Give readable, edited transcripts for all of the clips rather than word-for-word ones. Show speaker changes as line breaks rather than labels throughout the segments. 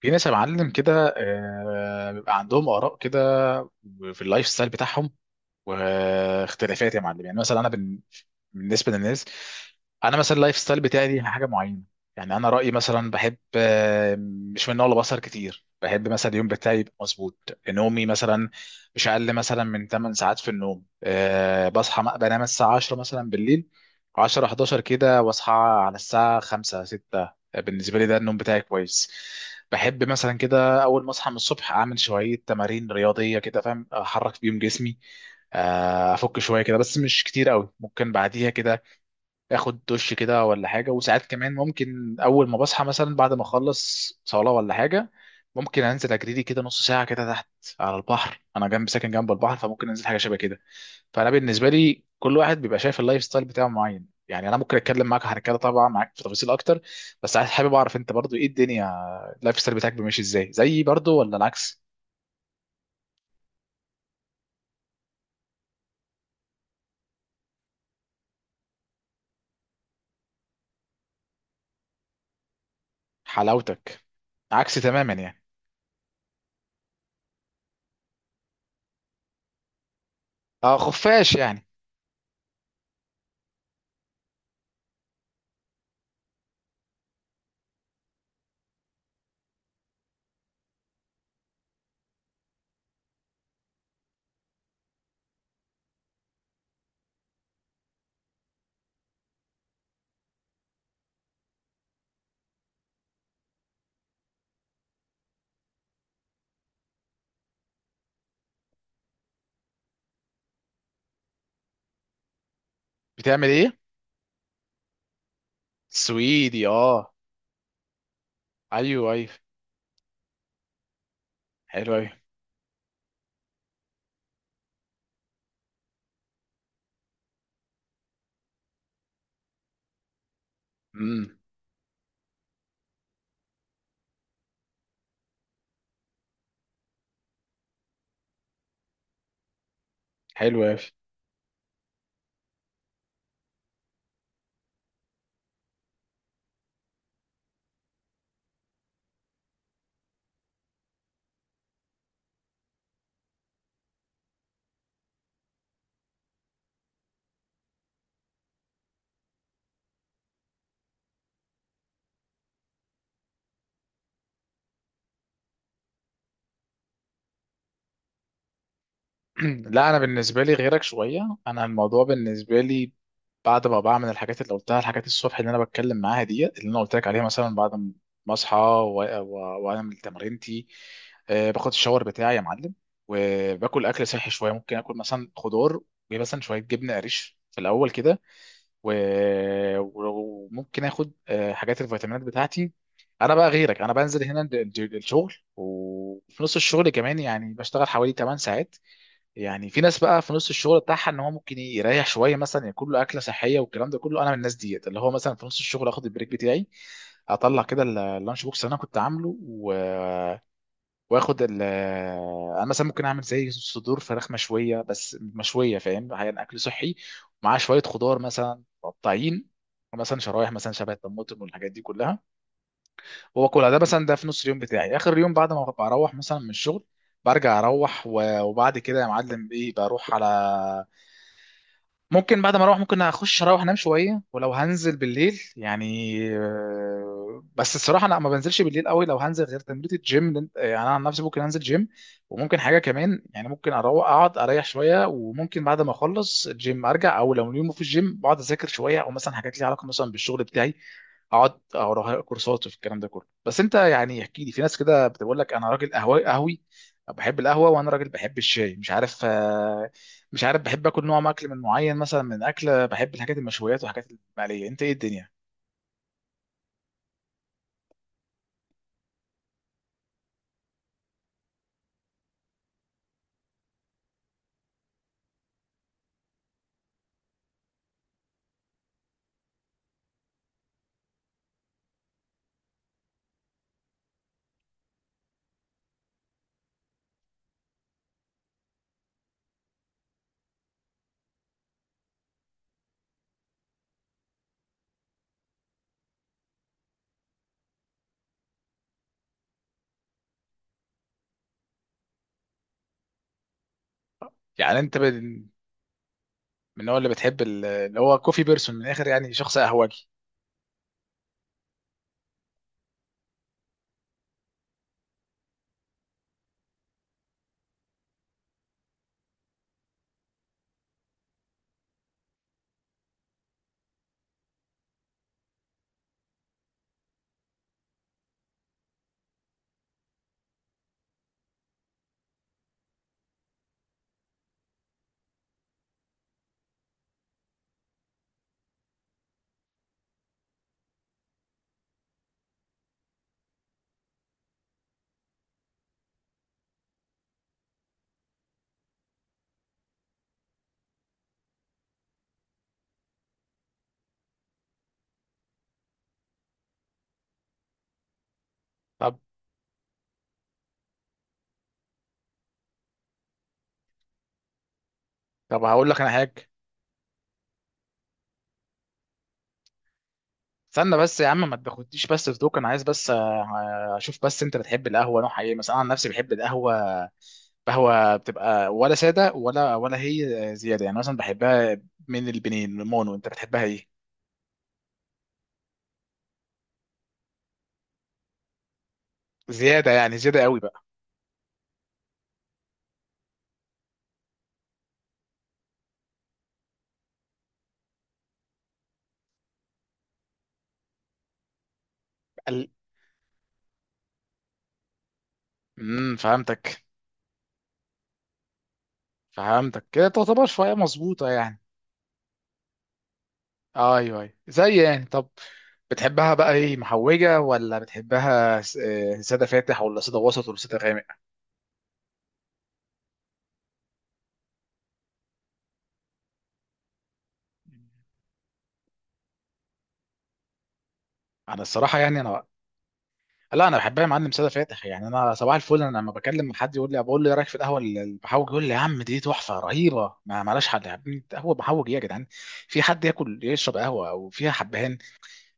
في ناس يا معلم كده، بيبقى عندهم آراء كده في اللايف ستايل بتاعهم واختلافات يا معلم. يعني مثلا بالنسبه للناس، انا مثلا اللايف ستايل بتاعي دي حاجه معينه. يعني انا رايي مثلا، بحب مش من نوع بصر كتير. بحب مثلا اليوم بتاعي يبقى مظبوط، نومي مثلا مش اقل مثلا من 8 ساعات في النوم. بصحى بنام الساعه 10 مثلا بالليل، 10 11 كده، واصحى على الساعه 5 6. بالنسبه لي ده النوم بتاعي كويس. بحب مثلا كده اول ما اصحى من الصبح اعمل شويه تمارين رياضيه، كده فاهم، احرك بيهم جسمي، افك شويه كده بس مش كتير قوي. ممكن بعديها كده اخد دش كده ولا حاجه، وساعات كمان ممكن اول ما بصحى، مثلا بعد ما اخلص صلاه ولا حاجه، ممكن انزل اجري لي كده نص ساعه كده تحت على البحر. انا جنب ساكن جنب البحر، فممكن انزل حاجه شبه كده. فانا بالنسبه لي كل واحد بيبقى شايف اللايف ستايل بتاعه معين. يعني انا ممكن اتكلم معاك عن كده طبعا، معاك في تفاصيل اكتر، بس عايز حابب اعرف انت برضو ايه الدنيا. اللايف ستايل بتاعك ماشي ازاي؟ زيي برضو ولا العكس؟ حلاوتك. عكسي تماما يعني. اه، خفاش يعني. بتعمل ايه؟ سويدي؟ اه. ايوه، ايوه. حلو اوي. امم. حلو اوي. لا، انا بالنسبه لي غيرك شويه. انا الموضوع بالنسبه لي، بعد ما بعمل الحاجات اللي قلتها، الحاجات الصبح اللي انا بتكلم معاها دي اللي انا قلت لك عليها، مثلا بعد ما اصحى واعمل تمرينتي، باخد الشاور بتاعي يا معلم. وباكل اكل صحي شويه. ممكن اكل مثلا خضار، ومثلا شويه جبنه قريش في الاول كده، وممكن اخد حاجات الفيتامينات بتاعتي. انا بقى غيرك. انا بنزل هنا الشغل، وفي نص الشغل كمان، يعني بشتغل حوالي 8 ساعات. يعني في ناس بقى في نص الشغل بتاعها ان هو ممكن يريح شويه، مثلا ياكل له اكله صحيه والكلام ده كله. انا من الناس ديت اللي هو مثلا في نص الشغل اخد البريك بتاعي، اطلع كده اللانش بوكس اللي انا كنت عامله. واخد ال آه، انا مثلا ممكن اعمل زي صدور فراخ مشويه، بس مشويه فاهم يعني اكل صحي. ومعاه شويه خضار مثلا مقطعين، مثلا شرايح مثلا شبه الطماطم والحاجات دي كلها. واكلها ده مثلا، ده في نص اليوم بتاعي. اخر يوم بعد ما بروح مثلا من الشغل، برجع اروح وبعد كده يا معلم ايه بروح على. ممكن بعد ما اروح ممكن اخش اروح انام شويه، ولو هنزل بالليل يعني بس الصراحه انا ما بنزلش بالليل قوي. لو هنزل غير تمرين الجيم، يعني انا عن نفسي ممكن انزل جيم. وممكن حاجه كمان يعني، ممكن اروح اقعد اريح شويه. وممكن بعد ما اخلص الجيم ارجع، او لو اليوم في الجيم بقعد اذاكر شويه، او مثلا حاجات ليها علاقه مثلا بالشغل بتاعي. اقعد او اروح أقرأ كورسات في الكلام ده كله. بس انت يعني احكي لي. في ناس كده بتقول لك انا راجل قهوي قهوي، بحب القهوه، وانا راجل بحب الشاي. مش عارف بحب اكل، نوع اكل من معين، مثلا من اكله بحب الحاجات المشويات والحاجات المقليه. انت ايه الدنيا؟ يعني انت من النوع اللي بتحب اللي هو كوفي بيرسون من الاخر، يعني شخص قهوجي؟ طب طب، هقول لك انا حاجه. استنى بس يا عم ما تاخدنيش، بس في دوك انا عايز بس اشوف بس انت بتحب القهوه نوعها ايه. مثلا انا عن نفسي بحب القهوه. قهوه بتبقى ولا ساده ولا هي زياده يعني. مثلا بحبها من البنين المونو. انت بتحبها ايه؟ زياده يعني، زياده قوي بقى. امم، فهمتك. فهمتك كده تعتبر شوية مظبوطة يعني. ايوه، ايوه، زي يعني. طب. بتحبها بقى ايه، محوجة ولا بتحبها سادة فاتح؟ ولا سادة وسط؟ ولا سادة غامق؟ انا الصراحة يعني انا، لا انا بحبها يا معلم سادة فاتح. يعني انا صباح الفل، انا لما بكلم حد يقول لي، بقول له ايه رايك في القهوة المحوج؟ يقول لي يا عم دي تحفة رهيبة، ما مالهاش حل. يا عم قهوة محوج ايه يا جدعان! في حد ياكل يشرب قهوة او فيها حبهان؟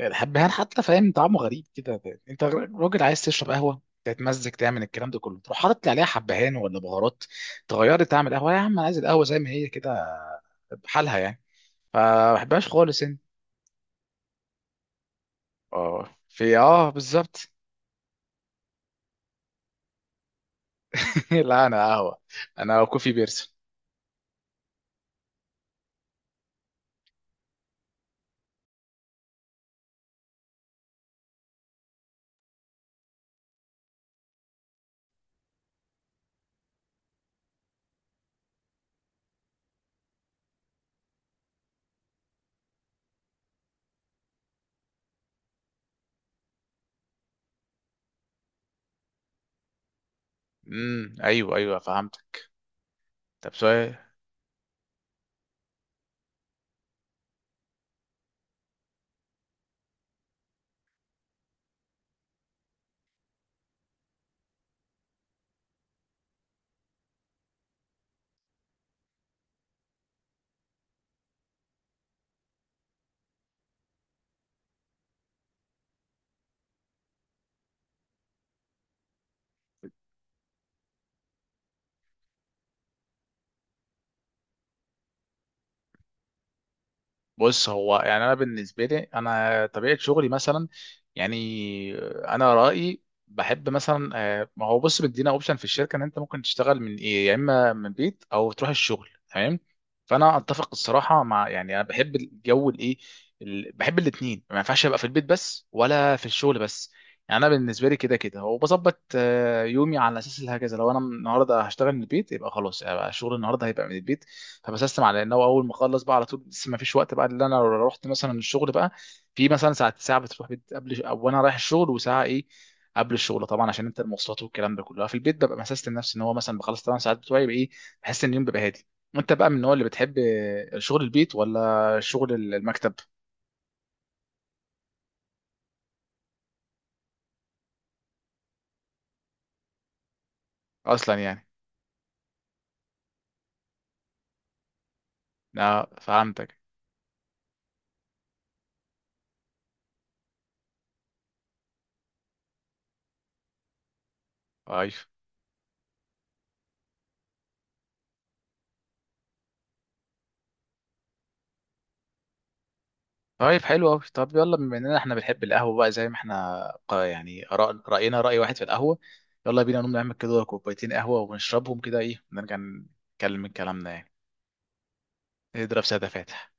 الحبهان حتى فاهم طعمه غريب كده. انت راجل عايز تشرب قهوه تتمزج تعمل الكلام ده كله، تروح حاطط لي عليها حبهان ولا بهارات تغيري؟ تعمل قهوه يا عم، انا عايز القهوه زي ما هي كده، بحالها يعني. فما بحبهاش خالص. انت؟ اه، في اه بالظبط. لا، انا قهوه. انا كوفي بيرسون. امم، ايوه، ايوه، فهمت. طب سؤال. بص هو يعني انا بالنسبه لي، انا طبيعه شغلي مثلا، يعني انا رايي بحب مثلا ما هو بص مدينا اوبشن في الشركه ان انت ممكن تشتغل من ايه، يا اما من بيت او تروح الشغل تمام. فانا اتفق الصراحه مع، يعني انا بحب الجو الايه، بحب الاثنين. ما ينفعش ابقى في البيت بس، ولا في الشغل بس. يعني انا بالنسبه لي كده كده، وبظبط يومي على اساس هكذا. لو انا النهارده هشتغل من البيت، يبقى خلاص يبقى شغل النهارده هيبقى من البيت. فبسستم على ان هو اول ما اخلص بقى على طول لسه ما فيش وقت بقى. اللي انا لو رحت مثلا الشغل بقى، في مثلا ساعه ساعه بتروح بيت قبل، او انا رايح الشغل وساعه ايه قبل الشغل طبعا، عشان انت المواصلات والكلام ده كله. في البيت ببقى مسست لنفسي ان هو مثلا بخلص 8 ساعات بتوعي يبقى ايه، بحس ان اليوم بيبقى هادي. انت بقى من النوع اللي بتحب شغل البيت ولا شغل المكتب؟ اصلا يعني. اه، فهمتك. ايوه. طيب، حلو قوي. طب يلا، بما اننا احنا بنحب القهوه بقى، زي ما احنا يعني راينا راي واحد في القهوه. يلا بينا نقوم نعمل كده كوبايتين قهوه ونشربهم كده، ايه نرجع نكمل كلامنا يعني. نضرب ساده فاتح.